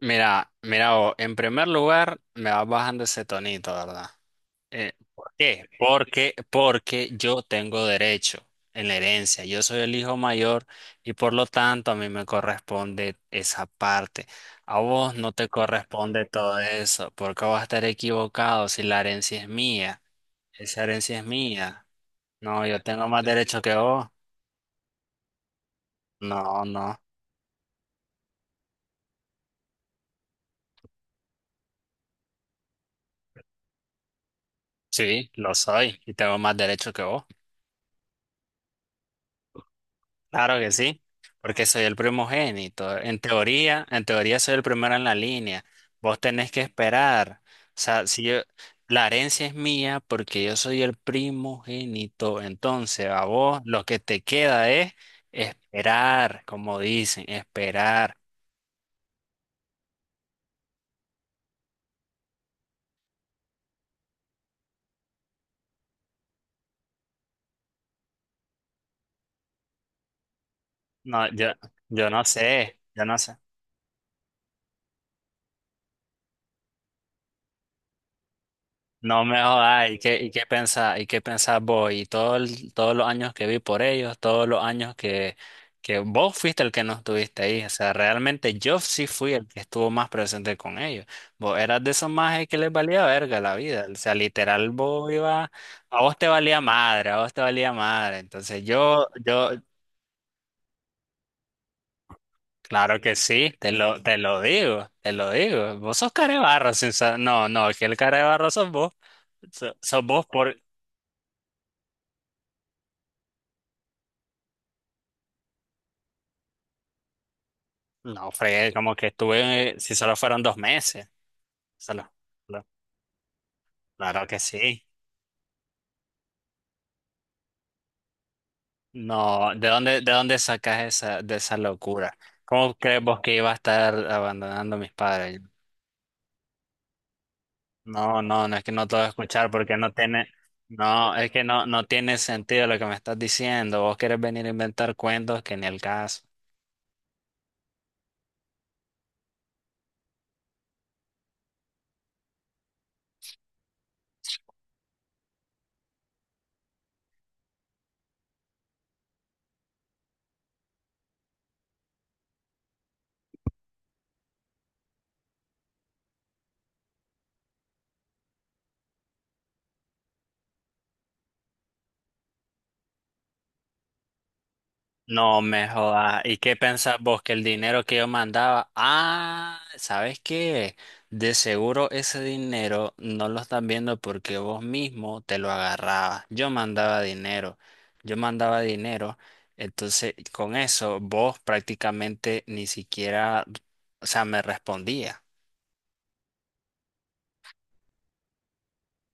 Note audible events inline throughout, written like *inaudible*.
Mira, mira, vos, en primer lugar, me vas bajando ese tonito, ¿verdad? ¿Por qué? Porque yo tengo derecho en la herencia. Yo soy el hijo mayor y por lo tanto a mí me corresponde esa parte. A vos no te corresponde todo eso, porque vas a estar equivocado si la herencia es mía. Esa herencia es mía. No, yo tengo más derecho que vos. No, no. Sí, lo soy y tengo más derecho que vos. Claro que sí, porque soy el primogénito. En teoría soy el primero en la línea. Vos tenés que esperar. O sea, si yo, La herencia es mía porque yo soy el primogénito. Entonces, a vos lo que te queda es esperar, como dicen, esperar. No, yo no sé, yo no sé. No me jodas, ¿y qué pensás? ¿Y qué pensás vos? Y todos los años que vi por ellos, todos los años que vos fuiste el que no estuviste ahí. O sea, realmente yo sí fui el que estuvo más presente con ellos. Vos eras de esos majes que les valía verga la vida. O sea, literal, vos ibas, a vos te valía madre, a vos te valía madre. Claro que sí, te lo digo, te lo digo. Vos sos carebarro, sin sa- no, no, que el carebarro sos vos. So- Sos vos por, No, fregué, como que estuve, si solo fueron dos meses. Solo, solo- claro que sí. No, ¿de dónde sacas de esa locura? ¿Cómo crees vos que iba a estar abandonando a mis padres? No, no, no es que no te voy a escuchar porque no tiene, no, es que no tiene sentido lo que me estás diciendo. Vos querés venir a inventar cuentos que ni el caso. No me jodas. ¿Y qué pensás vos que el dinero que yo mandaba? Ah, ¿sabes qué? De seguro ese dinero no lo estás viendo porque vos mismo te lo agarrabas. Yo mandaba dinero, yo mandaba dinero. Entonces, con eso vos prácticamente ni siquiera, o sea, me respondía.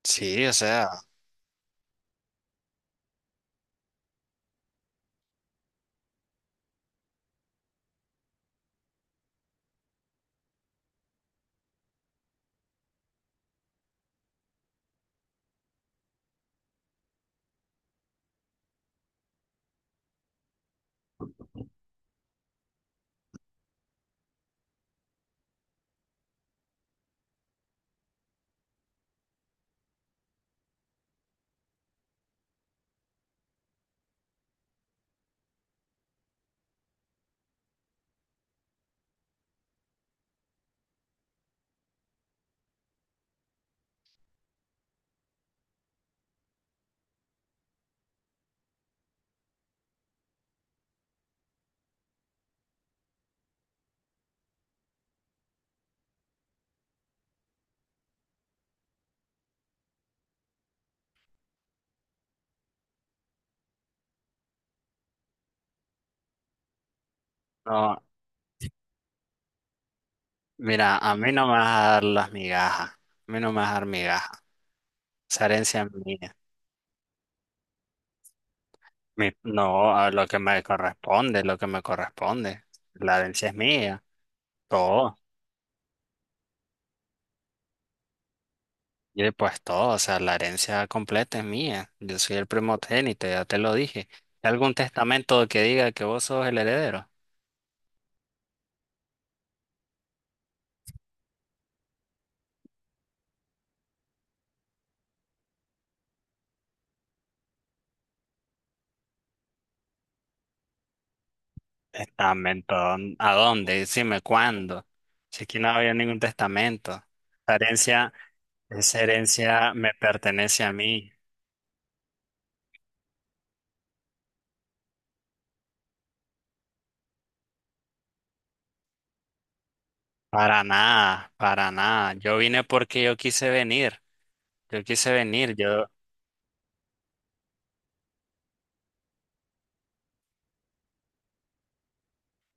Sí, o sea, no, mira, a mí no me vas a dar las migajas. A mí no me vas a dar migajas. Esa herencia es mía. No, a lo que me corresponde, lo que me corresponde. La herencia es mía, todo. Y pues todo, o sea, la herencia completa es mía. Yo soy el primogénito, ya te lo dije. ¿Hay algún testamento que diga que vos sos el heredero? Testamento, ¿a dónde? Decime cuándo. Si aquí no había ningún testamento. La herencia, Esa herencia me pertenece a mí. Para nada, para nada. Yo vine porque yo quise venir. Yo quise venir. Yo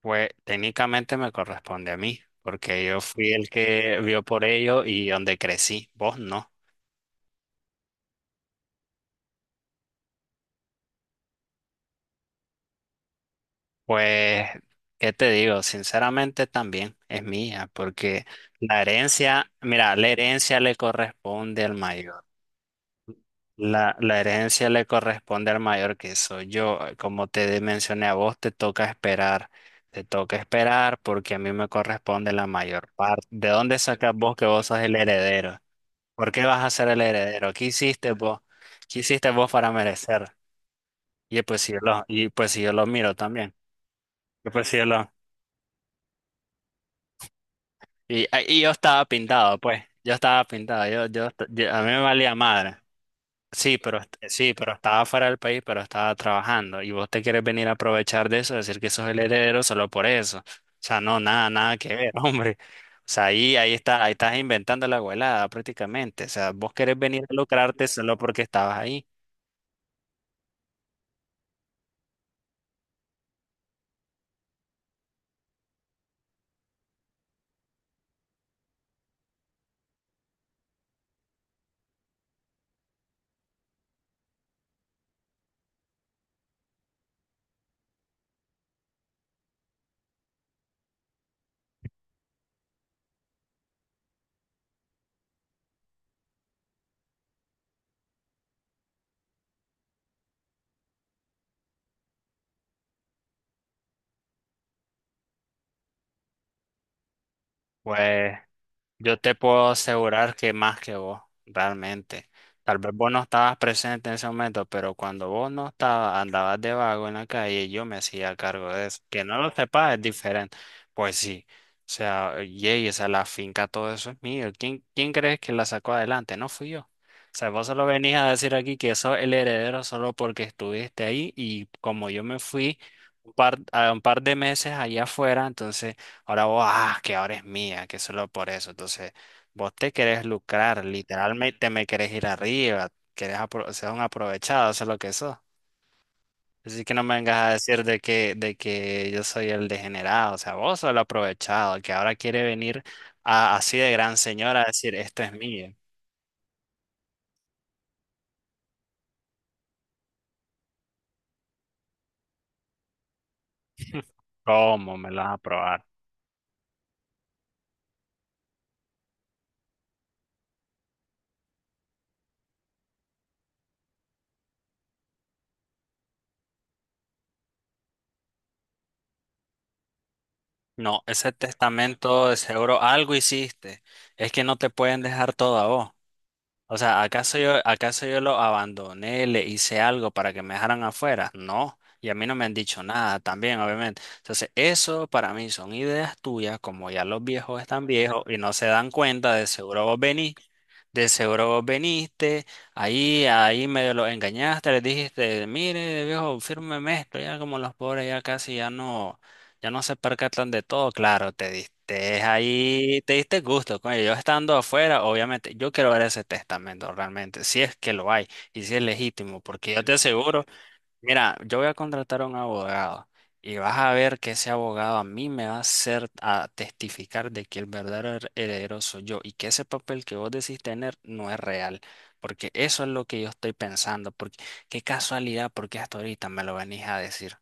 pues técnicamente me corresponde a mí, porque yo fui el que vio por ello y donde crecí, vos no. Pues, ¿qué te digo? Sinceramente también es mía, porque mira, la herencia le corresponde al mayor. La herencia le corresponde al mayor que soy yo. Como te mencioné a vos, te toca esperar. Te toca esperar porque a mí me corresponde la mayor parte. ¿De dónde sacas vos que vos sos el heredero? ¿Por qué vas a ser el heredero? ¿Qué hiciste vos? ¿Qué hiciste vos para merecer? Y pues si yo lo miro también. Y pues si yo lo, Y, ah, y yo estaba pintado, pues. Yo estaba pintado. A mí me valía madre. Sí, sí, pero estaba fuera del país, pero estaba trabajando. Y vos te quieres venir a aprovechar de eso, decir que sos el heredero solo por eso. O sea, no, nada, nada que ver, *laughs* hombre. O sea, ahí está, ahí estás inventando la abuelada prácticamente. O sea, vos querés venir a lucrarte solo porque estabas ahí. Pues. Yo te puedo asegurar que más que vos, realmente. Tal vez vos no estabas presente en ese momento, pero cuando vos no estabas, andabas de vago en la calle, yo me hacía cargo de eso. Que no lo sepas es diferente. Pues sí. O sea, yey, esa la finca, todo eso es mío. ¿Quién crees que la sacó adelante? No fui yo. O sea, vos solo venís a decir aquí que sos el heredero solo porque estuviste ahí y como yo me fui a un par de meses allá afuera, entonces. Ahora vos, ah, que ahora es mía, que solo por eso. Entonces, vos te querés lucrar, literalmente me querés ir arriba, ser un aprovechado, eso es lo que sos. Así que no me vengas a decir de que yo soy el degenerado, o sea, vos sos el aprovechado, que ahora quiere venir a- así de gran señora a decir, esto es mío. ¿Cómo me lo vas a probar? No, ese testamento de seguro algo hiciste. Es que no te pueden dejar todo a vos. O sea, ¿acaso yo lo abandoné, le hice algo para que me dejaran afuera? No, y a mí no me han dicho nada también, obviamente. Entonces, eso para mí son ideas tuyas, como ya los viejos están viejos y no se dan cuenta, de seguro vos venís, de seguro vos viniste, ahí medio los engañaste, les dijiste, mire, viejo, fírmeme esto, ya como los pobres ya casi ya no. Ya no se percatan de todo, claro, te diste ahí, te diste gusto. Coño, yo estando afuera, obviamente, yo quiero ver ese testamento realmente, si es que lo hay y si es legítimo, porque yo te aseguro, mira, yo voy a contratar a un abogado y vas a ver que ese abogado a mí me va a hacer a testificar de que el heredero soy yo y que ese papel que vos decís tener no es real, porque eso es lo que yo estoy pensando, porque qué casualidad, porque hasta ahorita me lo venís a decir.